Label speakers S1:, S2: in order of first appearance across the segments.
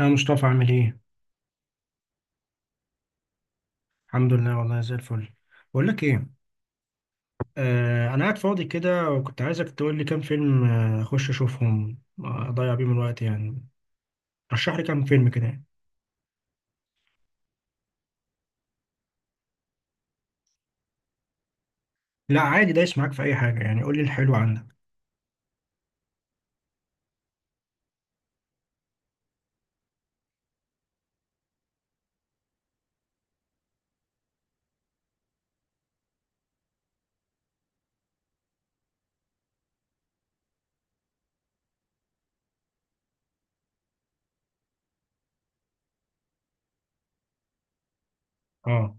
S1: يا مصطفى، عامل ايه؟ الحمد لله، والله زي الفل. بقول لك ايه. انا قاعد فاضي كده، وكنت عايزك تقول لي كام فيلم، اخش اشوفهم، اضيع بيهم الوقت يعني. رشح لي كام فيلم كده يعني. لا، عادي، دايس معاك في اي حاجه، يعني قول لي الحلو عندك. اه،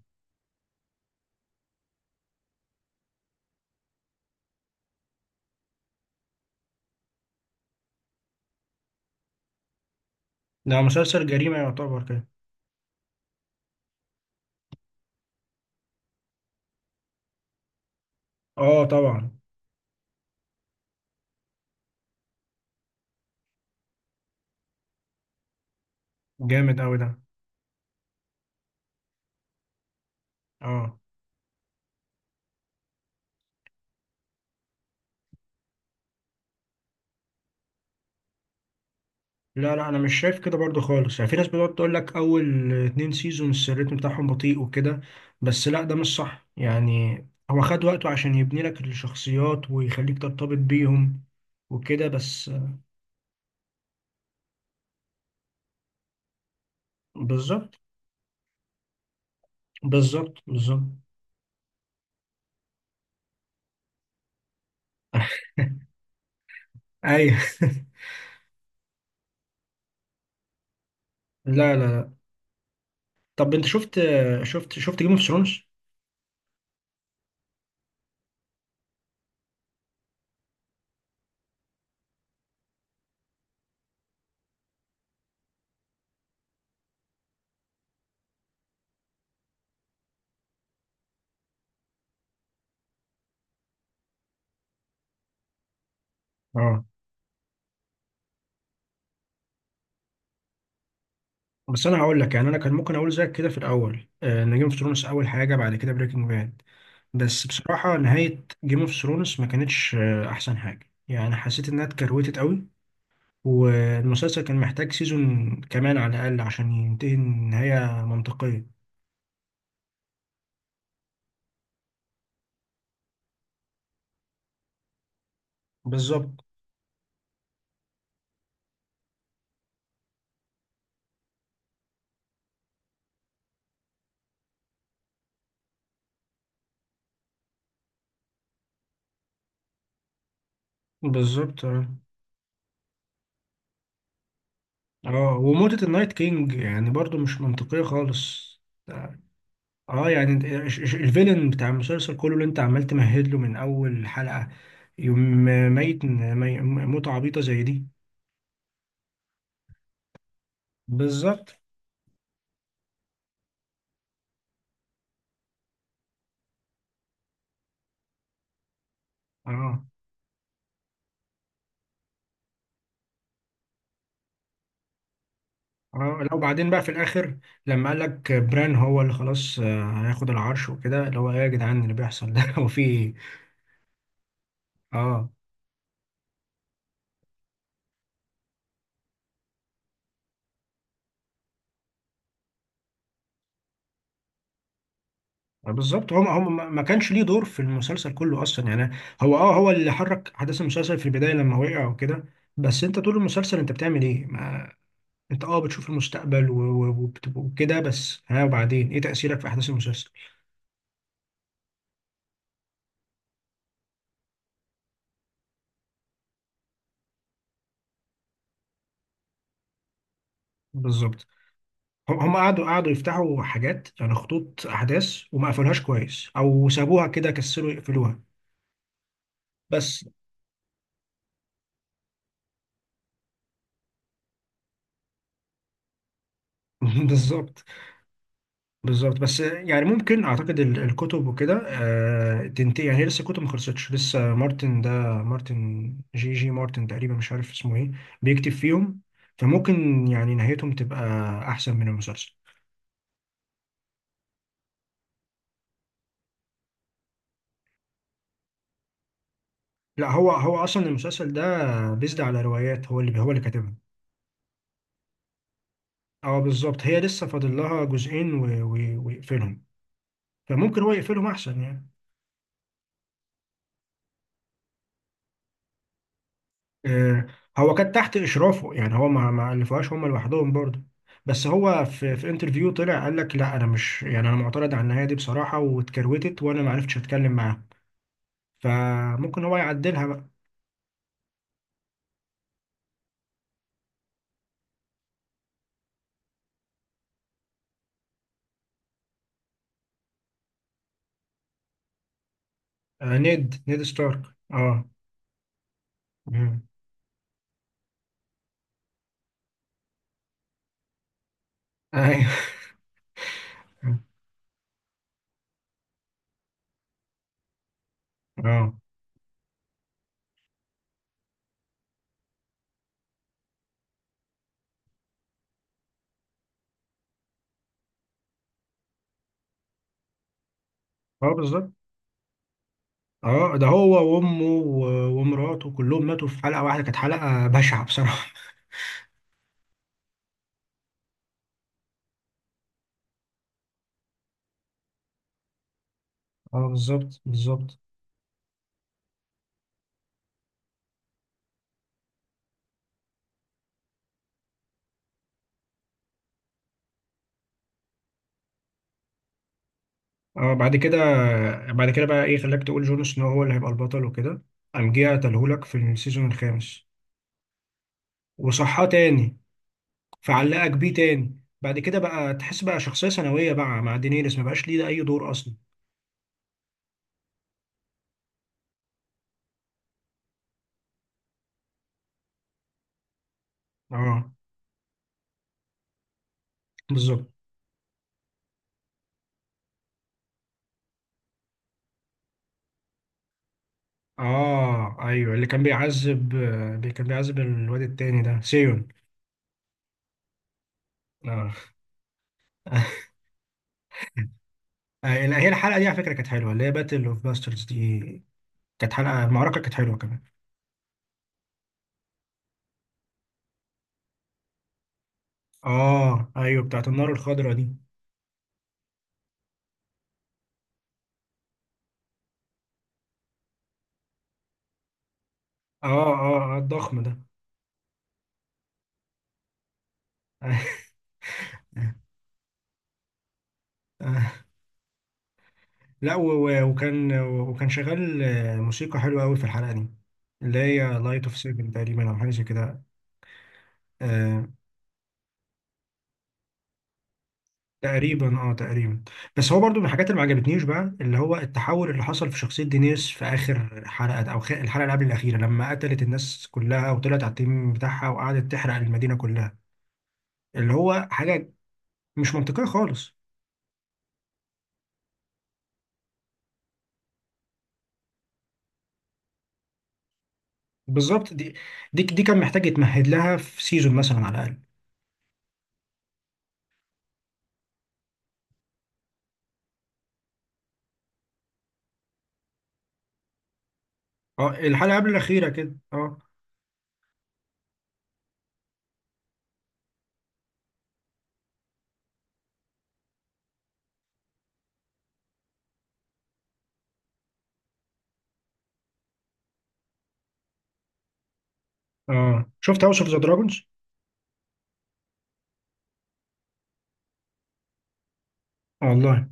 S1: ده مسلسل جريمه يعتبر كده. اه طبعا. جامد قوي ده. اه. لا لا، انا مش شايف كده برضو خالص يعني. في ناس بتقعد تقول لك اول اتنين سيزونز الريتم بتاعهم بطيء وكده، بس لا، ده مش صح يعني. هو خد وقته عشان يبني لك الشخصيات ويخليك ترتبط بيهم وكده بس. بالظبط، بالظبط، بالظبط. ايوه. لا لا لا. طب انت شفت، شفت جيم اوف ثرونز؟ اه. بس انا هقول لك يعني، انا كان ممكن اقول زيك كده في الاول، ان جيم اوف ثرونز اول حاجه، بعد كده بريكنج باد. بس بصراحة نهاية جيم اوف ثرونز ما كانتش أحسن حاجة، يعني حسيت إنها اتكروتت قوي. والمسلسل كان محتاج سيزون كمان على الأقل عشان ينتهي نهاية منطقية. بالظبط، بالظبط. اه، وموتة النايت كينج يعني برضو مش منطقية خالص. اه، يعني الفيلن بتاع المسلسل كله اللي انت عمال تمهد له من أول حلقة. يوم ميت مي- موتة عبيطة زي دي. بالظبط. اه اه. لو بعدين بقى في الاخر، لما قال لك بران هو اللي خلاص هياخد العرش وكده، اللي هو ايه يا جدعان اللي بيحصل ده؟ هو في ايه؟ اه بالظبط. هم ما كانش ليه دور في المسلسل كله اصلا يعني. هو، اه، هو اللي حرك احداث المسلسل في البدايه لما وقع وكده. بس انت طول المسلسل انت بتعمل ايه؟ ما انت، اه، بتشوف المستقبل وكده بس. ها، وبعدين ايه تاثيرك في احداث المسلسل؟ بالظبط. هم قعدوا يفتحوا حاجات، يعني خطوط احداث وما قفلوهاش كويس، او سابوها كده، كسلوا يقفلوها. بس. بالظبط، بالظبط. بس يعني ممكن اعتقد الكتب وكده تنتهي. يعني هي لسه الكتب ما خلصتش لسه. مارتن ده، مارتن جي جي مارتن تقريبا، مش عارف اسمه ايه، بيكتب فيهم. فممكن يعني نهايتهم تبقى احسن من المسلسل. لا، هو اصلا المسلسل ده بيزد على روايات هو اللي كاتبها. اه بالظبط. هي لسه فاضل لها جزئين ويقفلهم، فممكن هو يقفلهم احسن يعني. آه، هو كان تحت اشرافه يعني، هو ما الفوهاش هم لوحدهم برضه. بس هو في انترفيو طلع قال لك لا، انا مش، يعني انا معترض على النهايه دي بصراحه، واتكروتت وانا ما عرفتش اتكلم معاه. فممكن هو يعدلها بقى. نيد ستارك. اه. مم. ايوه. اه اه بالظبط. اه، ده هو وامه ومراته كلهم ماتوا في حلقه واحده، كانت حلقه بشعه بصراحه. اه بالظبط بالظبط. اه بعد كده بقى ايه خلاك تقول جون سنو هو اللي هيبقى البطل وكده؟ قام جه قتلهولك في السيزون الخامس، وصحاه تاني، فعلقك بيه تاني، بعد كده بقى تحس بقى شخصية ثانوية بقى مع دينيريس، ما بقاش ليه ده أي دور أصلا. اه بالظبط. اه ايوه، اللي كان بيعذب، كان بيعذب الواد التاني ده سيون. اه. لا، هي الحلقة دي على فكرة كانت حلوة، اللي هي باتل اوف باسترز دي. كانت حلقة المعركة كانت حلوة كمان. اه ايوه، بتاعت النار الخضراء دي. اه اه، الضخم ده. آه. لا، وكان، شغال موسيقى حلوة قوي في الحلقة دي، اللي هي لايت اوف سيفن تقريبا، او حاجة زي كده. آه، تقريبا. اه تقريبا. بس هو برضو من الحاجات اللي ما عجبتنيش بقى، اللي هو التحول اللي حصل في شخصية دينيس في آخر حلقة، او الحلقة اللي قبل الأخيرة، لما قتلت الناس كلها وطلعت على التيم بتاعها وقعدت تحرق المدينة كلها. اللي هو حاجة مش منطقية خالص. بالظبط. دي كان محتاج يتمهد لها في سيزون مثلا على الأقل. اه، الحلقه قبل الاخيره كده، اه. اه، شفت هاوس اوف ذا دراجونز؟ والله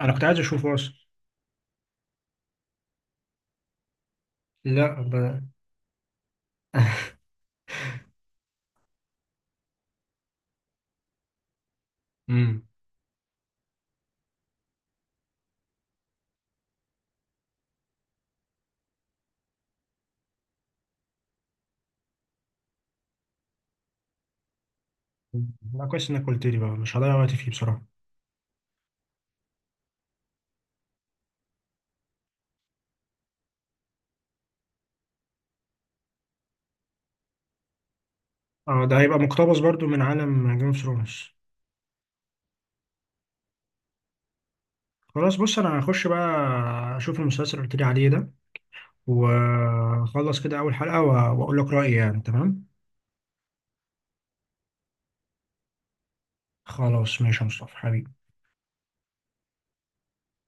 S1: انا كنت عايز اشوفه اصلا. لا امم لا، كويس انك قلت لي بقى، مش هضيع وقتي فيه بصراحه. اه، ده هيبقى مقتبس برضو من عالم جيم اوف ثرونز. خلاص، بص انا هخش بقى اشوف المسلسل اللي قلت لي عليه ده، واخلص كده اول حلقه واقول لك رايي يعني، تمام؟ خلاص، ماشي يا مصطفى حبيبي.